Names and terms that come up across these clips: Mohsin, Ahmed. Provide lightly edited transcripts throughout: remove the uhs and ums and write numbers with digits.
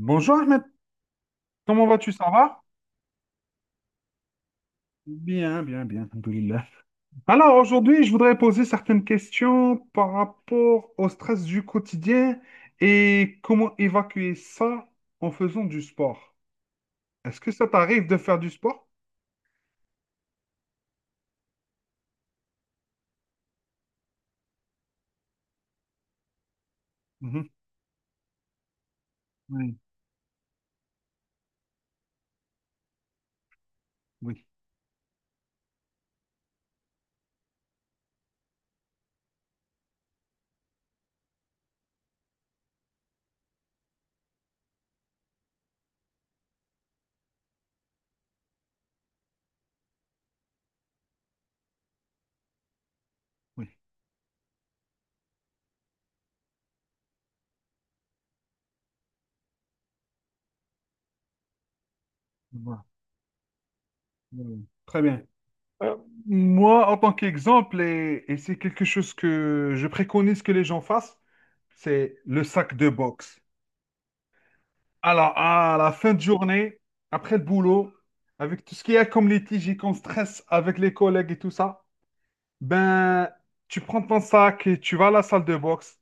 Bonjour Ahmed, comment vas-tu? Ça va? Bien, bien, bien, alhamdoulilah. Alors aujourd'hui, je voudrais poser certaines questions par rapport au stress du quotidien et comment évacuer ça en faisant du sport. Est-ce que ça t'arrive de faire du sport? Mhm. Oui, oui, oui. Voilà. Oui. Très bien. Euh, moi, en tant qu'exemple, et c'est quelque chose que je préconise que les gens fassent, c'est le sac de boxe. Alors, à la fin de journée, après le boulot, avec tout ce qu'il y a comme litige et comme stress avec les collègues et tout ça, ben, tu prends ton sac et tu vas à la salle de boxe.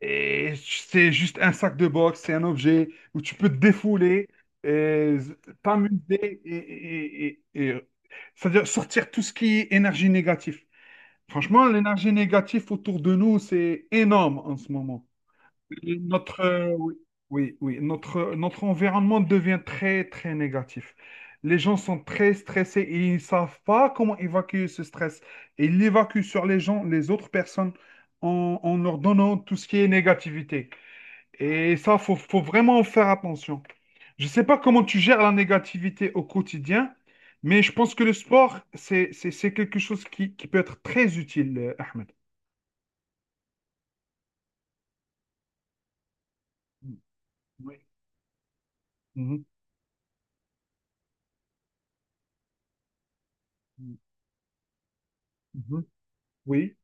Et c'est juste un sac de boxe, c'est un objet où tu peux te défouler, et t'amuser c'est-à-dire sortir tout ce qui est énergie négative. Franchement, l'énergie négative autour de nous, c'est énorme en ce moment. Oui, oui, oui, notre environnement devient très, très négatif. Les gens sont très stressés et ils ne savent pas comment évacuer ce stress. Et ils l'évacuent sur les gens, les autres personnes, en leur donnant tout ce qui est négativité. Et ça, faut vraiment faire attention. Je ne sais pas comment tu gères la négativité au quotidien, mais je pense que le sport, c'est quelque chose qui peut être très utile, Ahmed. Oui. Mhm. Mhm. Oui,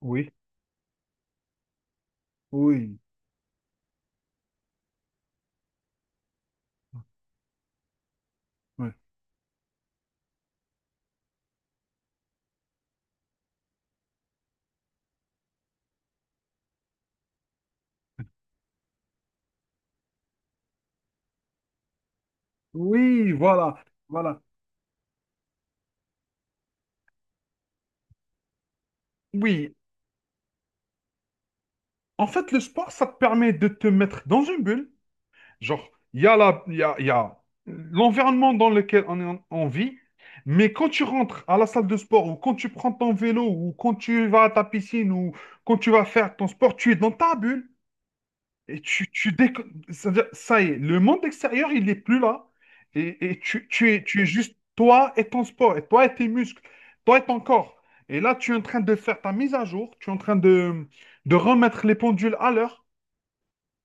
oui. Oui, ouais. Oui, voilà, voilà. Oui, en fait, le sport, ça te permet de te mettre dans une bulle. Genre, il y a la, il y a l'environnement dans lequel on vit, mais quand tu rentres à la salle de sport, ou quand tu prends ton vélo, ou quand tu vas à ta piscine, ou quand tu vas faire ton sport, tu es dans ta bulle. Et tu, tu déco- c'est-à-dire, ça y est, le monde extérieur, il n'est plus là. Et, et tu es juste toi et ton sport, et toi et tes muscles, toi et ton corps. Et là, tu es en train de faire ta mise à jour, tu es en train de remettre les pendules à l'heure.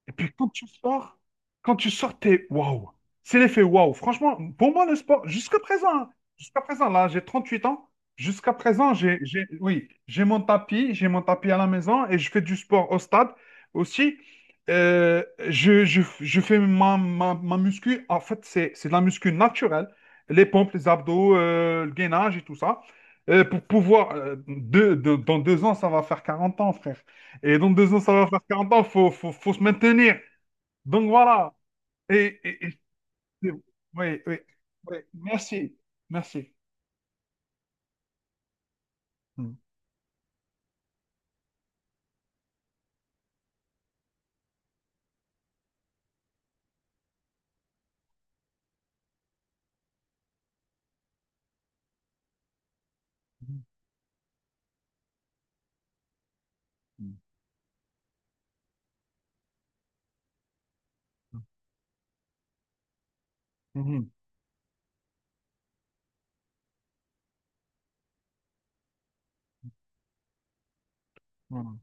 Et puis quand tu sors, t'es waouh. C'est l'effet waouh. Franchement, pour moi, le sport, jusqu'à présent, hein, jusqu'à présent, là, j'ai 38 ans. Jusqu'à présent, oui, j'ai mon tapis à la maison et je fais du sport au stade aussi. Euh, je fais ma muscu. En fait, c'est de la muscu naturelle. Les pompes, les abdos, le gainage et tout ça. Pour pouvoir, dans 2 ans, ça va faire 40 ans, frère. Et dans 2 ans, ça va faire 40 ans, faut se maintenir. Donc voilà. Et, et- et- oui, oui, oui. Merci, merci. Mhm. Mhm. Voilà.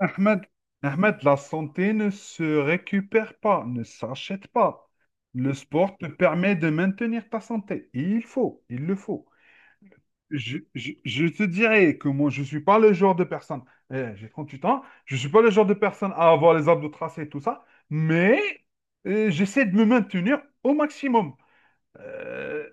Ahmed, Ahmed, la santé ne se récupère pas, ne s'achète pas. Le sport te permet de maintenir ta santé. Il faut, il le faut. Je te dirais que moi, je suis pas le genre de personne, eh, j'ai 8 ans, je suis pas le genre de personne à avoir les abdos tracés et tout ça, mais j'essaie de me maintenir au maximum. Euh,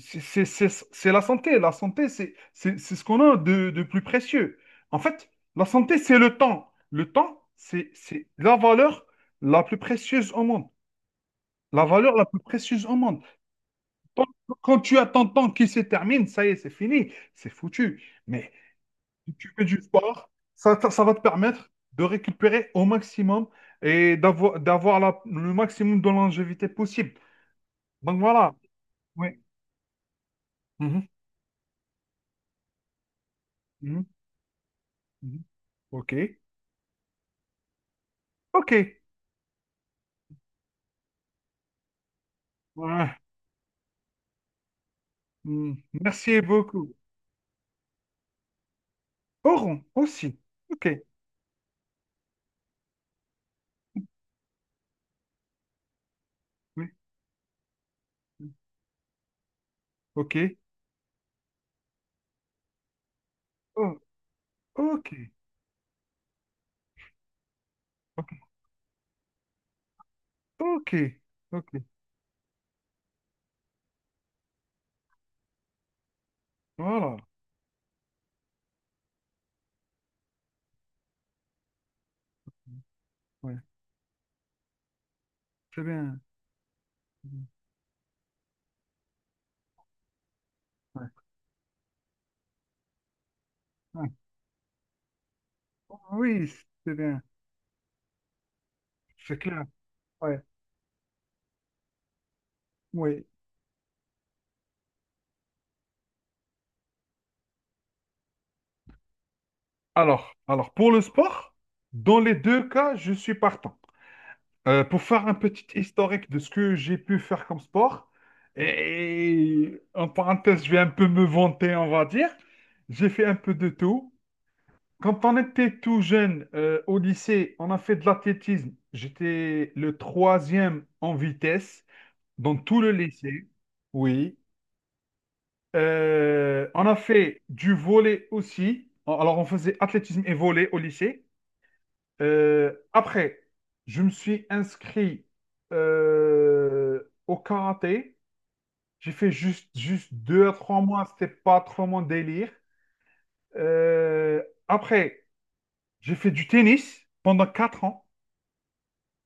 c'est la santé, c'est ce qu'on a de plus précieux. En fait, la santé, c'est le temps. Le temps, c'est la valeur la plus précieuse au monde. La valeur la plus précieuse au monde. Quand quand tu as ton temps qui se termine, ça y est, c'est fini, c'est foutu. Mais si tu fais du sport, ça va te permettre de récupérer au maximum et d'avoir le maximum de longévité possible. Donc voilà. Oui. Mhm, mhm, mhm. OK. OK. Ouais. Mm. Merci beaucoup. Oron aussi. OK. Oui. OK. Oh, OK. OK. OK. OK. Voilà. Ouais. C'est bien. Ouais. Ouais. Oui, c'est bien. C'est clair. Ouais. Oui. Alors, pour le sport, dans les deux cas, je suis partant. Pour faire un petit historique de ce que j'ai pu faire comme sport, et en parenthèse, je vais un peu me vanter, on va dire. J'ai fait un peu de tout. Quand on était tout jeune, au lycée, on a fait de l'athlétisme. J'étais le troisième en vitesse dans tout le lycée. Oui. On a fait du volley aussi. Alors, on faisait athlétisme et volley au lycée. Après, je me suis inscrit au karaté. J'ai fait juste 2 à 3 mois. C'était pas trop mon délire. Après, j'ai fait du tennis pendant 4 ans.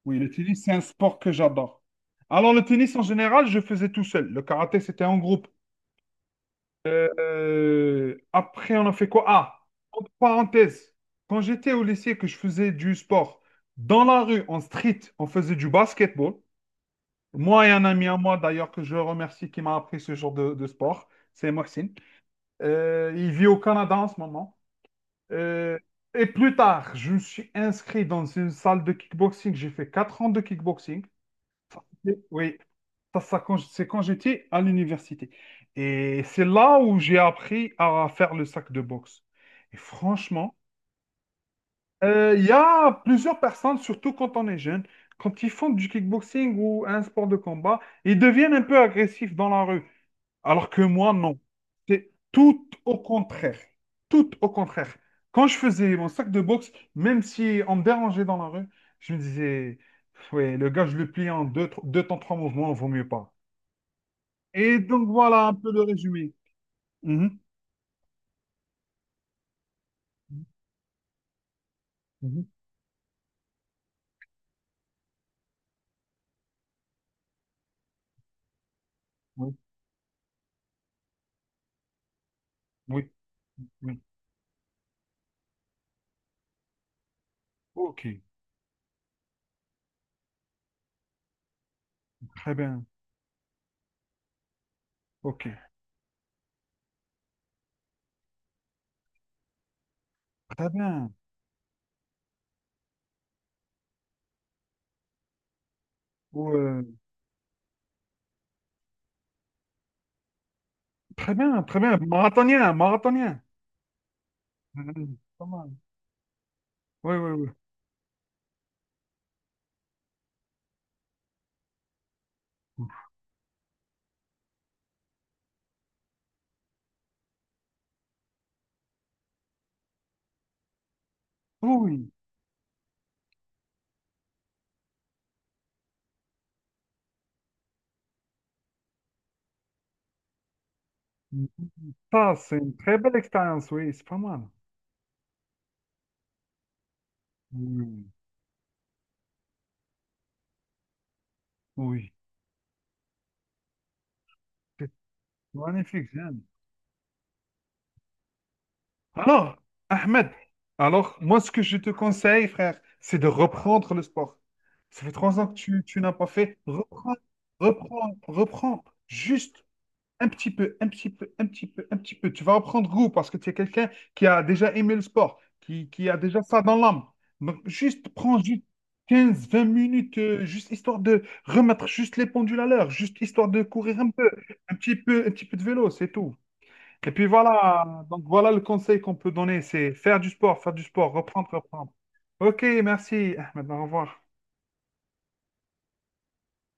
Oui, le tennis, c'est un sport que j'adore. Alors, le tennis, en général, je faisais tout seul. Le karaté, c'était en groupe. Après, on a fait quoi? Ah, entre parenthèses, quand j'étais au lycée que je faisais du sport, dans la rue, en street, on faisait du basketball. Moi et un ami à moi d'ailleurs que je remercie qui m'a appris ce genre de sport, c'est Mohsin. Il vit au Canada en ce moment. Euh, et plus tard, je me suis inscrit dans une salle de kickboxing. J'ai fait 4 ans de kickboxing. Oui, c'est quand j'étais à l'université. Et c'est là où j'ai appris à faire le sac de boxe. Et franchement, il y a plusieurs personnes, surtout quand on est jeune, quand ils font du kickboxing ou un sport de combat, ils deviennent un peu agressifs dans la rue. Alors que moi, non. C'est tout au contraire. Tout au contraire. Quand je faisais mon sac de boxe, même si on me dérangeait dans la rue, je me disais, ouais, le gars, je le plie en deux, deux temps, trois mouvements, vaut mieux pas. Et donc voilà un peu le résumé. Mhm. Mhm. Oui, oui, oui. Ok, très bien. Ok, très bien. Ouais. Très bien, très bien. Marathonien, marathonien. Mhm. Pas mal. Oui, oui, oui. Oui. Ça, c'est une très belle expérience, oui, c'est pas mal. Oui, oui. C'est magnifique, j'aime. Alors, Ahmed, alors, moi, ce que je te conseille, frère, c'est de reprendre le sport. Ça fait 3 ans que tu n'as pas fait. Reprends, reprends, reprends. Juste un petit peu, un petit peu, un petit peu, un petit peu. Tu vas reprendre goût parce que tu es quelqu'un qui a déjà aimé le sport, qui a déjà ça dans l'âme. Donc, juste prends juste 15 20 minutes, juste histoire de remettre juste les pendules à l'heure, juste histoire de courir un peu, un petit peu, un petit peu de vélo, c'est tout. Et puis voilà, donc voilà le conseil qu'on peut donner, c'est faire du sport, reprendre, reprendre. Ok, merci. Maintenant, au revoir.